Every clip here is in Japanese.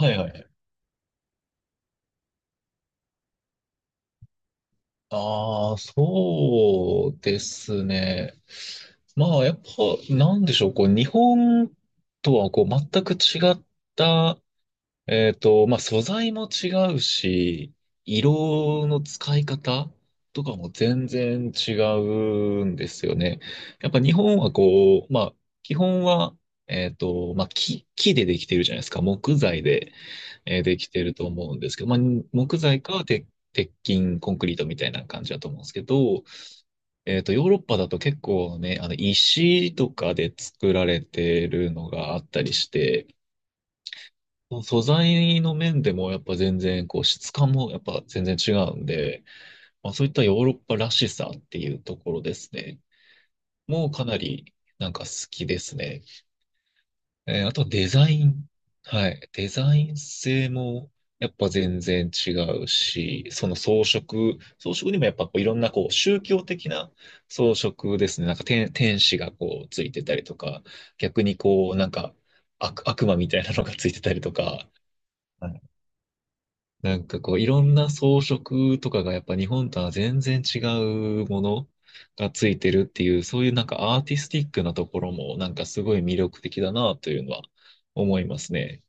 はいはい。ああ、そうですね。まあ、やっぱ、なんでしょう、こう、日本とは、こう、全く違った、まあ、素材も違うし、色の使い方とかも全然違うんですよね。やっぱ日本は、こう、まあ、基本は、まあ、木でできてるじゃないですか、木材で。できてると思うんですけど、まあ、木材か鉄、鉄筋、コンクリートみたいな感じだと思うんですけど、ヨーロッパだと結構ね、あの、石とかで作られてるのがあったりして、素材の面でもやっぱ全然、こう、質感もやっぱ全然違うんで、まあ、そういったヨーロッパらしさっていうところですね。もうかなり、なんか好きですね。あとデザイン。はい。デザイン性もやっぱ全然違うし、装飾にもやっぱこういろんなこう宗教的な装飾ですね。なんか天使がこうついてたりとか、逆にこうなんか悪魔みたいなのがついてたりとか、なんかこう、いろんな装飾とかがやっぱ日本とは全然違うものがついてるっていう、そういうなんかアーティスティックなところもなんかすごい魅力的だなというのは思いますね。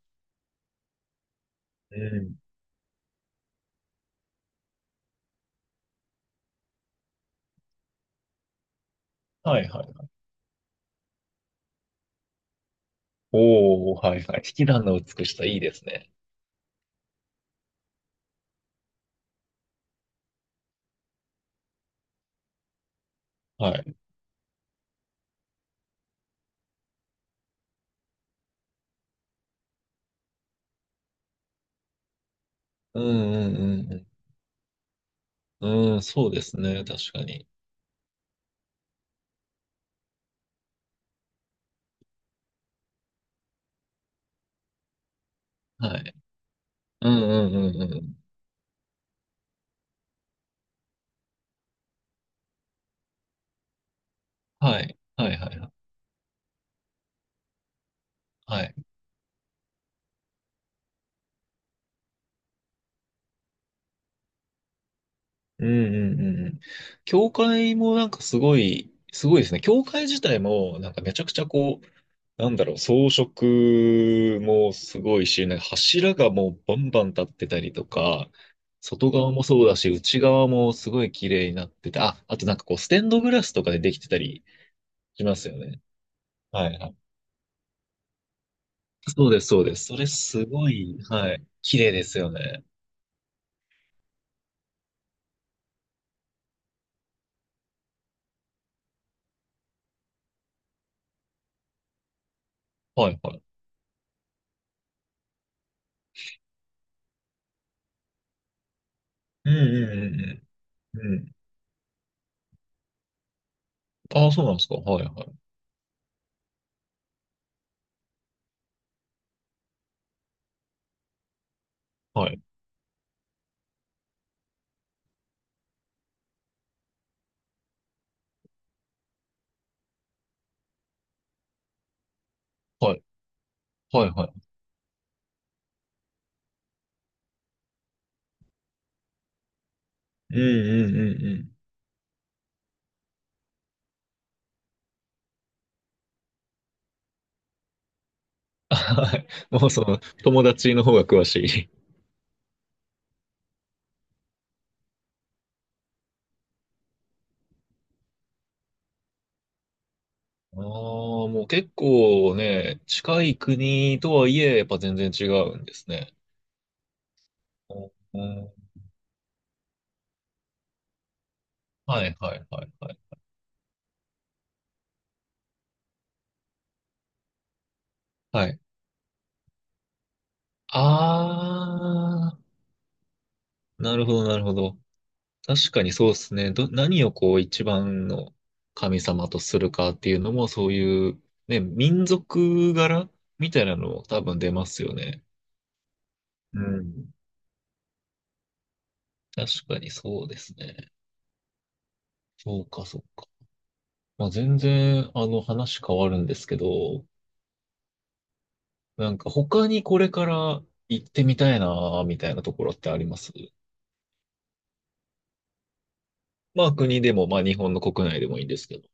うん。はいはい。おー、はいはい。引き算の美しさいいですね。はい。うんうんうんうん。うん、そうですね。確かに。はい。うんうんうんうん。はい。はいはいはい。はい、うんうんうんうん。教会もなんかすごい、すごいですね。教会自体もなんかめちゃくちゃこう、なんだろう、装飾もすごいし、なんか柱がもうバンバン立ってたりとか、外側もそうだし、内側もすごい綺麗になってて、あ、あとなんかこう、ステンドグラスとかでできてたりしますよね。はいはい。そうです、そうです。それすごい、はい。綺麗ですよね。はいはい。うんうんうんうん。うん。ああ、そうなんですか。はいはい。はい。はい。はいはい。うんうんうんうん、はい。 もうその、友達の方が詳しい。ああ、もう結構ね、近い国とはいえ、やっぱ全然違うんですね。おお、はいはいはいはい。はい。ああ、なるほどなるほど。確かにそうですね。ど、何をこう一番の神様とするかっていうのも、そういう、ね、民族柄みたいなのも多分出ますよね。うん。確かにそうですね。そうか、そうか。まあ、全然、あの、話変わるんですけど、なんか他にこれから行ってみたいな、みたいなところってあります？まあ、国でも、まあ、日本の国内でもいいんですけど。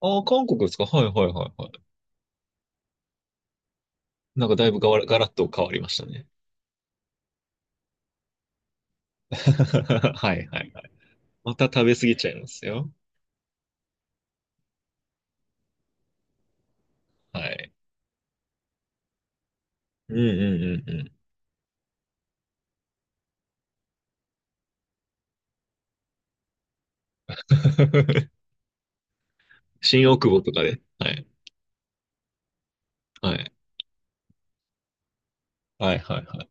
ああ、韓国ですか？はいはいはいはい。なんかだいぶがわら、ガラッと変わりましたね。はいはいはい。また食べ過ぎちゃいますよ。はい。うんうんうんうん。新大久保とかで。はい。はい。はいはいはい。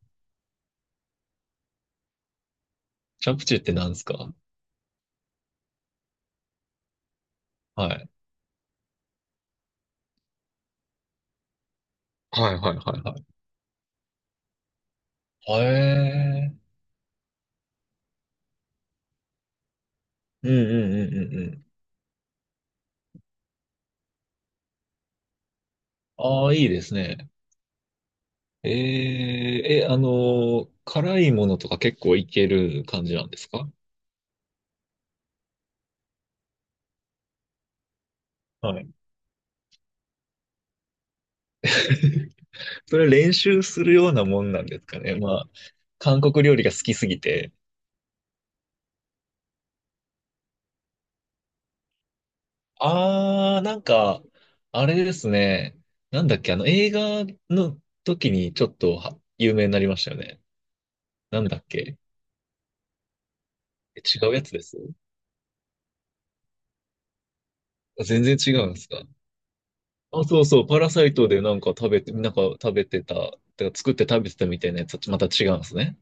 チャプチェって何ですか？はい。はいはいはいはい。へえ。うんうんうんうんうん。ああ、いいですね。えー、え、あの、辛いものとか結構いける感じなんですか？はい。それ練習するようなもんなんですかね。まあ、韓国料理が好きすぎて。ああ、なんか、あれですね。なんだっけ、あの、映画の時にちょっとは有名になりましたよね。なんだっけ。え、違うやつです？全然違うんですか？あ、そうそう、パラサイトでなんか食べて、なんか食べてた、てか作って食べてたみたいなやつはまた違うんですね。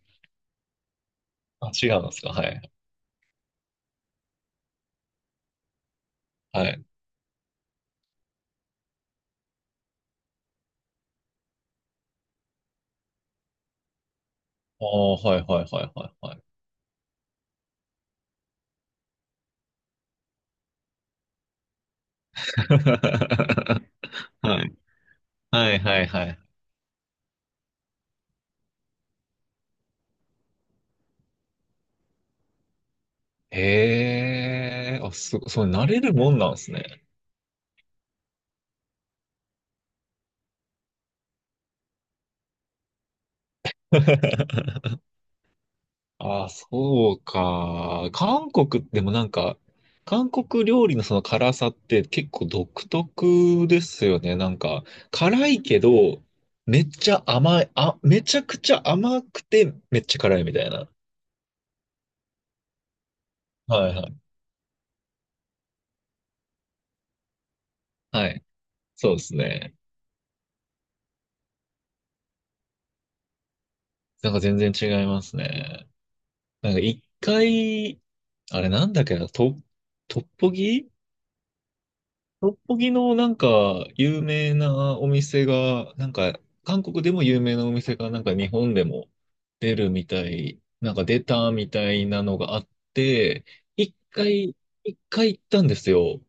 あ、違うんですか、はい。はい。ああ、はいはいはいはいはい。はい。はいはいはい。へえ、あ、すごい、そう、慣れるもんなんですね。ああ、そうか。韓国でもなんか、韓国料理のその辛さって結構独特ですよね。なんか、辛いけど、めちゃくちゃ甘くて、めっちゃ辛いみたいな。はいはい。はい。そうですね。なんか全然違いますね。なんか一回、あれなんだっけな、トッポギ、六本木のなんか有名なお店が、なんか韓国でも有名なお店がなんか日本でも出るみたい、なんか出たみたいなのがあって、一回、一回行ったんですよ。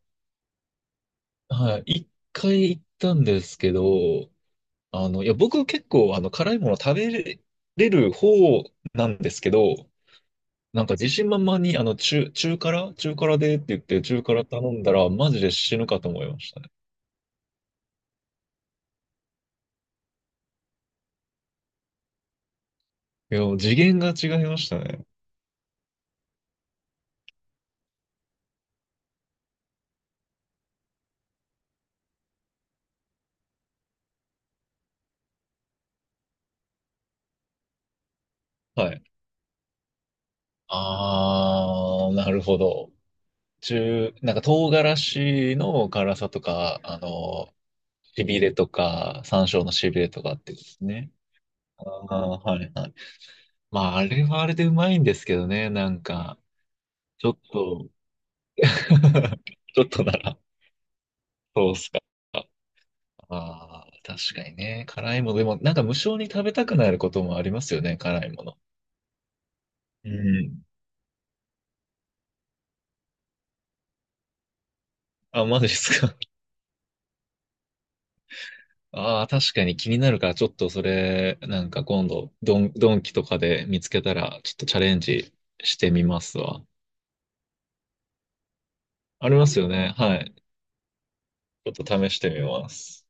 はい。一回行ったんですけど、あの、いや、僕結構あの辛いもの食べれる方なんですけど、なんか自信満々にあの中辛中辛でって言って中辛頼んだらマジで死ぬかと思いましたね。いや、も次元が違いましたね。はい。あー、なるほど。中、なんか唐辛子の辛さとか、あの、しびれとか、山椒のしびれとかってことですね。あー、はいはい。まあ、あれはあれでうまいんですけどね、なんか、ちょっと、ちょっとなら、そうっすか。ああ、確かにね。辛いもの、でも、なんか無性に食べたくなることもありますよね、辛いもの。うん。あ、マジですか？ああ、確かに気になるから、ちょっとそれ、なんか今度、ドンキとかで見つけたら、ちょっとチャレンジしてみますわ。ありますよね。はい。ちょっと試してみます。